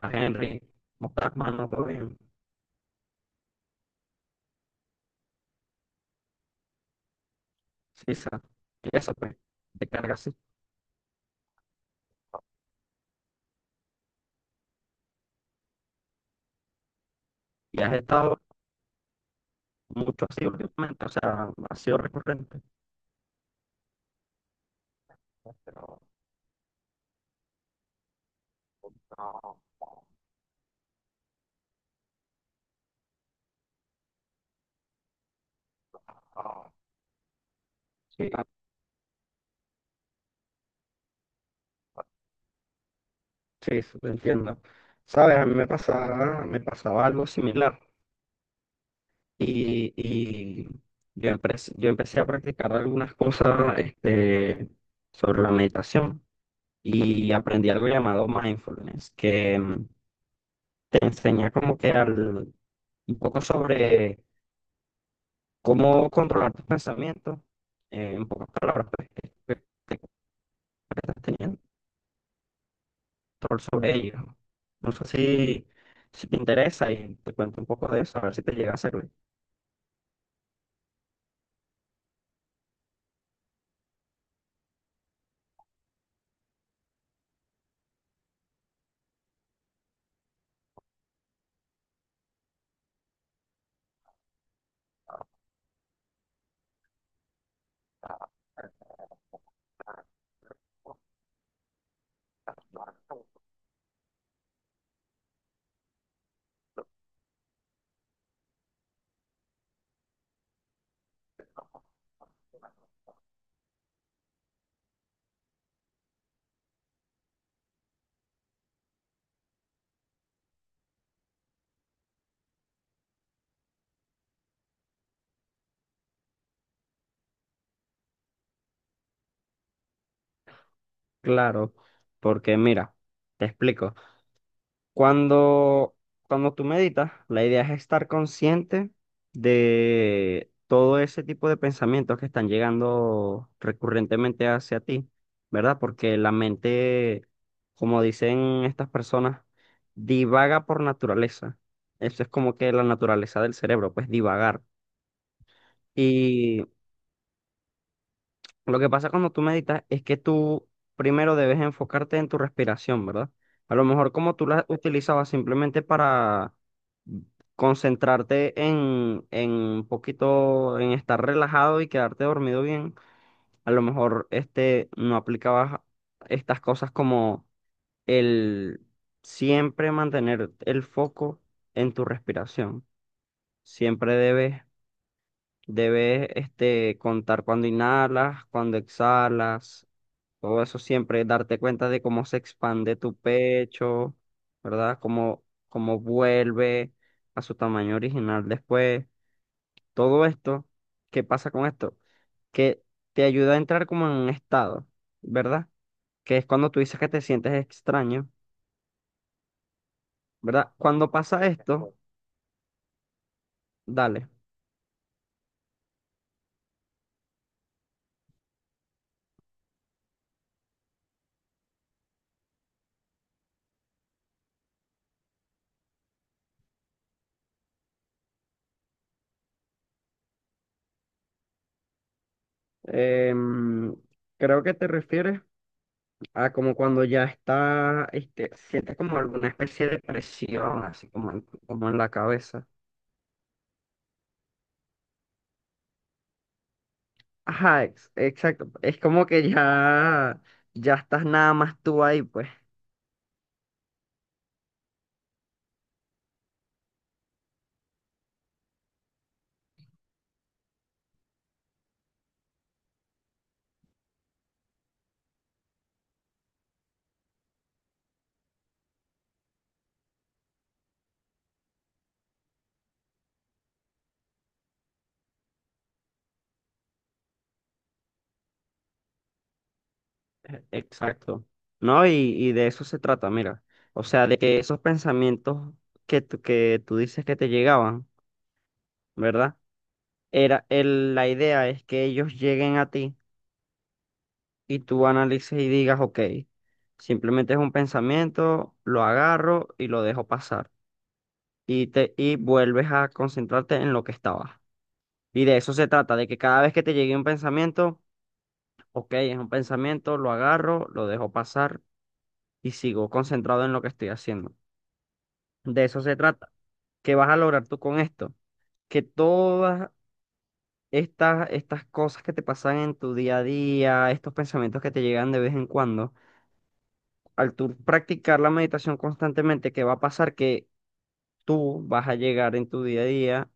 Más Henry, Montagman, no creo bien, Sisa, y eso pues, te carga así. Y has estado mucho así últimamente, o sea, ha sido recurrente. Pero no, no. Sí, sí, sí, te entiendo. Sabes, a mí me pasaba algo similar y yo empecé a practicar algunas cosas sobre la meditación y aprendí algo llamado mindfulness, que te enseña como que al, un poco sobre cómo controlar tus pensamientos, en pocas palabras, pues, que estás teniendo control sobre ellos. No No sé si te interesa y te cuento un poco de eso, a ver si te llega a servir. Claro, porque mira, te explico. Cuando, cuando tú meditas, la idea es estar consciente de todo ese tipo de pensamientos que están llegando recurrentemente hacia ti, ¿verdad? Porque la mente, como dicen estas personas, divaga por naturaleza. Eso es como que la naturaleza del cerebro, pues divagar. Lo que pasa cuando tú meditas es que tú primero debes enfocarte en tu respiración, ¿verdad? A lo mejor como tú la utilizabas simplemente para concentrarte en un poquito, en estar relajado y quedarte dormido bien, a lo mejor no aplicabas estas cosas como el siempre mantener el foco en tu respiración. Siempre debes Debes contar cuando inhalas, cuando exhalas, todo eso siempre, darte cuenta de cómo se expande tu pecho, ¿verdad? Cómo vuelve a su tamaño original después. Todo esto, ¿qué pasa con esto? Que te ayuda a entrar como en un estado, ¿verdad? Que es cuando tú dices que te sientes extraño, ¿verdad? Cuando pasa esto, dale. Em, creo que te refieres. Como cuando ya está, sientes como alguna especie de presión, así como como en la cabeza. Ajá, exacto. Es como que ya, ya estás nada más tú ahí, pues. Exacto. ¿No? Y de eso se trata, mira. O sea, de que esos pensamientos que tú dices que te llegaban, ¿verdad? La idea es que ellos lleguen a ti y tú analices y digas, ok, simplemente es un pensamiento, lo agarro y lo dejo pasar. Y vuelves a concentrarte en lo que estabas. Y de eso se trata, de que cada vez que te llegue un pensamiento, ok, es un pensamiento, lo agarro, lo dejo pasar y sigo concentrado en lo que estoy haciendo. De eso se trata. ¿Qué vas a lograr tú con esto? Que todas estas cosas que te pasan en tu día a día, estos pensamientos que te llegan de vez en cuando, al tú practicar la meditación constantemente, ¿qué va a pasar? Que tú vas a llegar en tu día a día.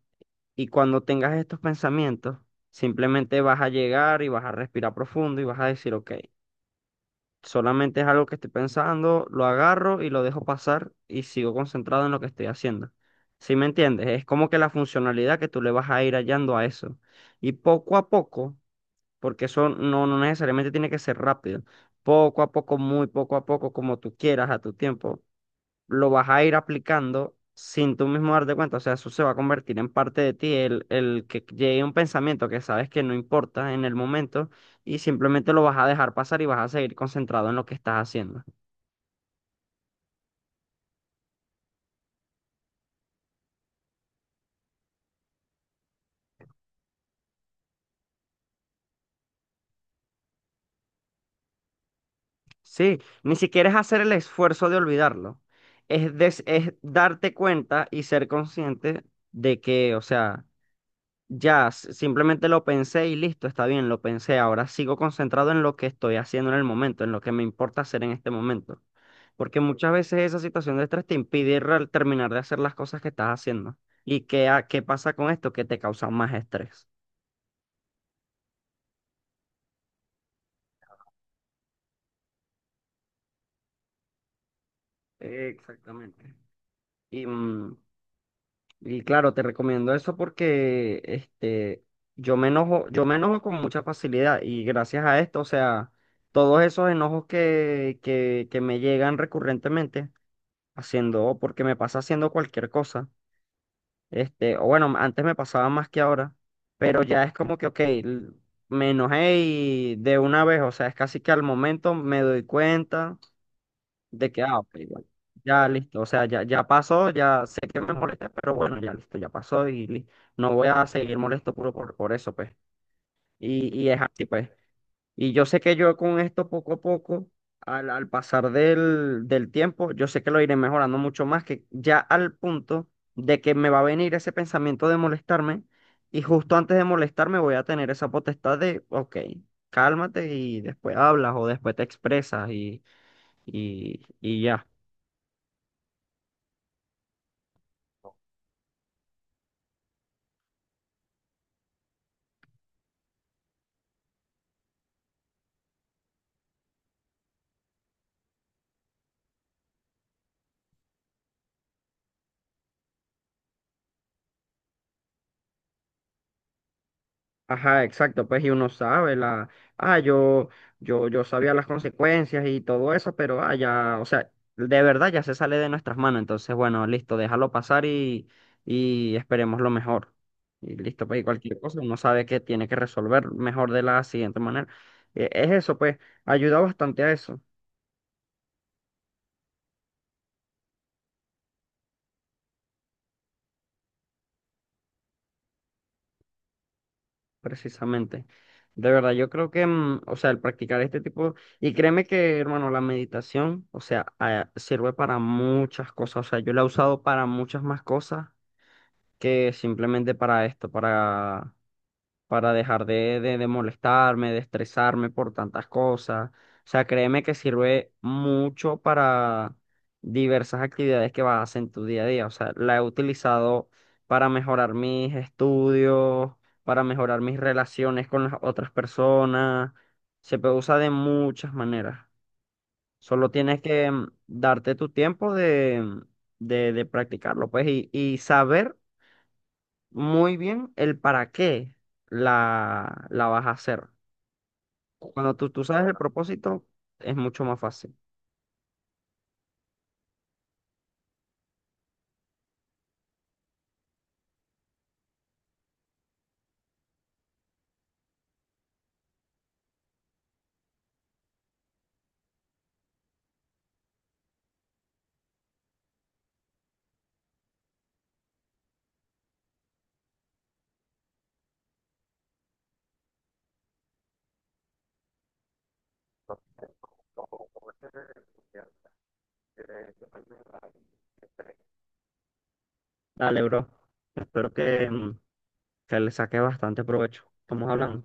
Y cuando tengas estos pensamientos, simplemente vas a llegar y vas a respirar profundo y vas a decir, ok, solamente es algo que estoy pensando, lo agarro y lo dejo pasar y sigo concentrado en lo que estoy haciendo. ¿Sí me entiendes? Es como que la funcionalidad que tú le vas a ir hallando a eso. Y poco a poco, porque eso no necesariamente tiene que ser rápido, poco a poco, muy poco a poco, como tú quieras, a tu tiempo lo vas a ir aplicando sin tú mismo darte cuenta. O sea, eso se va a convertir en parte de ti, el que llegue un pensamiento que sabes que no importa en el momento y simplemente lo vas a dejar pasar y vas a seguir concentrado en lo que estás haciendo. Sí, ni siquiera es hacer el esfuerzo de olvidarlo. Es darte cuenta y ser consciente de que, o sea, simplemente lo pensé y listo, está bien, lo pensé. Ahora sigo concentrado en lo que estoy haciendo en el momento, en lo que me importa hacer en este momento. Porque muchas veces esa situación de estrés te impide terminar de hacer las cosas que estás haciendo. ¿Y qué pasa con esto? Que te causa más estrés. Exactamente. Y, mm, y claro, te recomiendo eso porque yo me enojo con mucha facilidad y gracias a esto, o sea, todos esos enojos que me llegan recurrentemente haciendo, o porque me pasa haciendo cualquier cosa. O bueno, antes me pasaba más que ahora, pero ya es como que, ok, me enojé y de una vez, o sea, es casi que al momento me doy cuenta de que, ah, ok, bueno, ya listo, o sea, ya pasó, ya sé que me molesté, pero bueno, ya listo, ya pasó y no voy a seguir molesto puro por eso, pues. Y es así, pues. Y yo sé que yo con esto poco a poco, al pasar del tiempo, yo sé que lo iré mejorando mucho más, que ya al punto de que me va a venir ese pensamiento de molestarme y justo antes de molestarme voy a tener esa potestad de, ok, cálmate y después hablas o después te expresas y ya. Ajá, exacto, pues y uno sabe la, ah, yo, yo sabía las consecuencias y todo eso, pero ah, ya, o sea, de verdad ya se sale de nuestras manos, entonces bueno, listo, déjalo pasar y esperemos lo mejor. Y listo, pues y cualquier cosa, uno sabe que tiene que resolver mejor de la siguiente manera. Es eso, pues, ayuda bastante a eso. Precisamente. De verdad, yo creo que, o sea, el practicar este tipo, y créeme que, hermano, la meditación, o sea, sirve para muchas cosas, o sea, yo la he usado para muchas más cosas que simplemente para esto, para dejar de molestarme, de estresarme por tantas cosas. O sea, créeme que sirve mucho para diversas actividades que vas a hacer en tu día a día. O sea, la he utilizado para mejorar mis estudios, para mejorar mis relaciones con las otras personas. Se puede usar de muchas maneras. Solo tienes que darte tu tiempo de practicarlo, pues, y saber muy bien el para qué la vas a hacer. Tú sabes el propósito, es mucho más fácil. Dale, bro. Espero que, que le saque bastante provecho. Estamos hablando.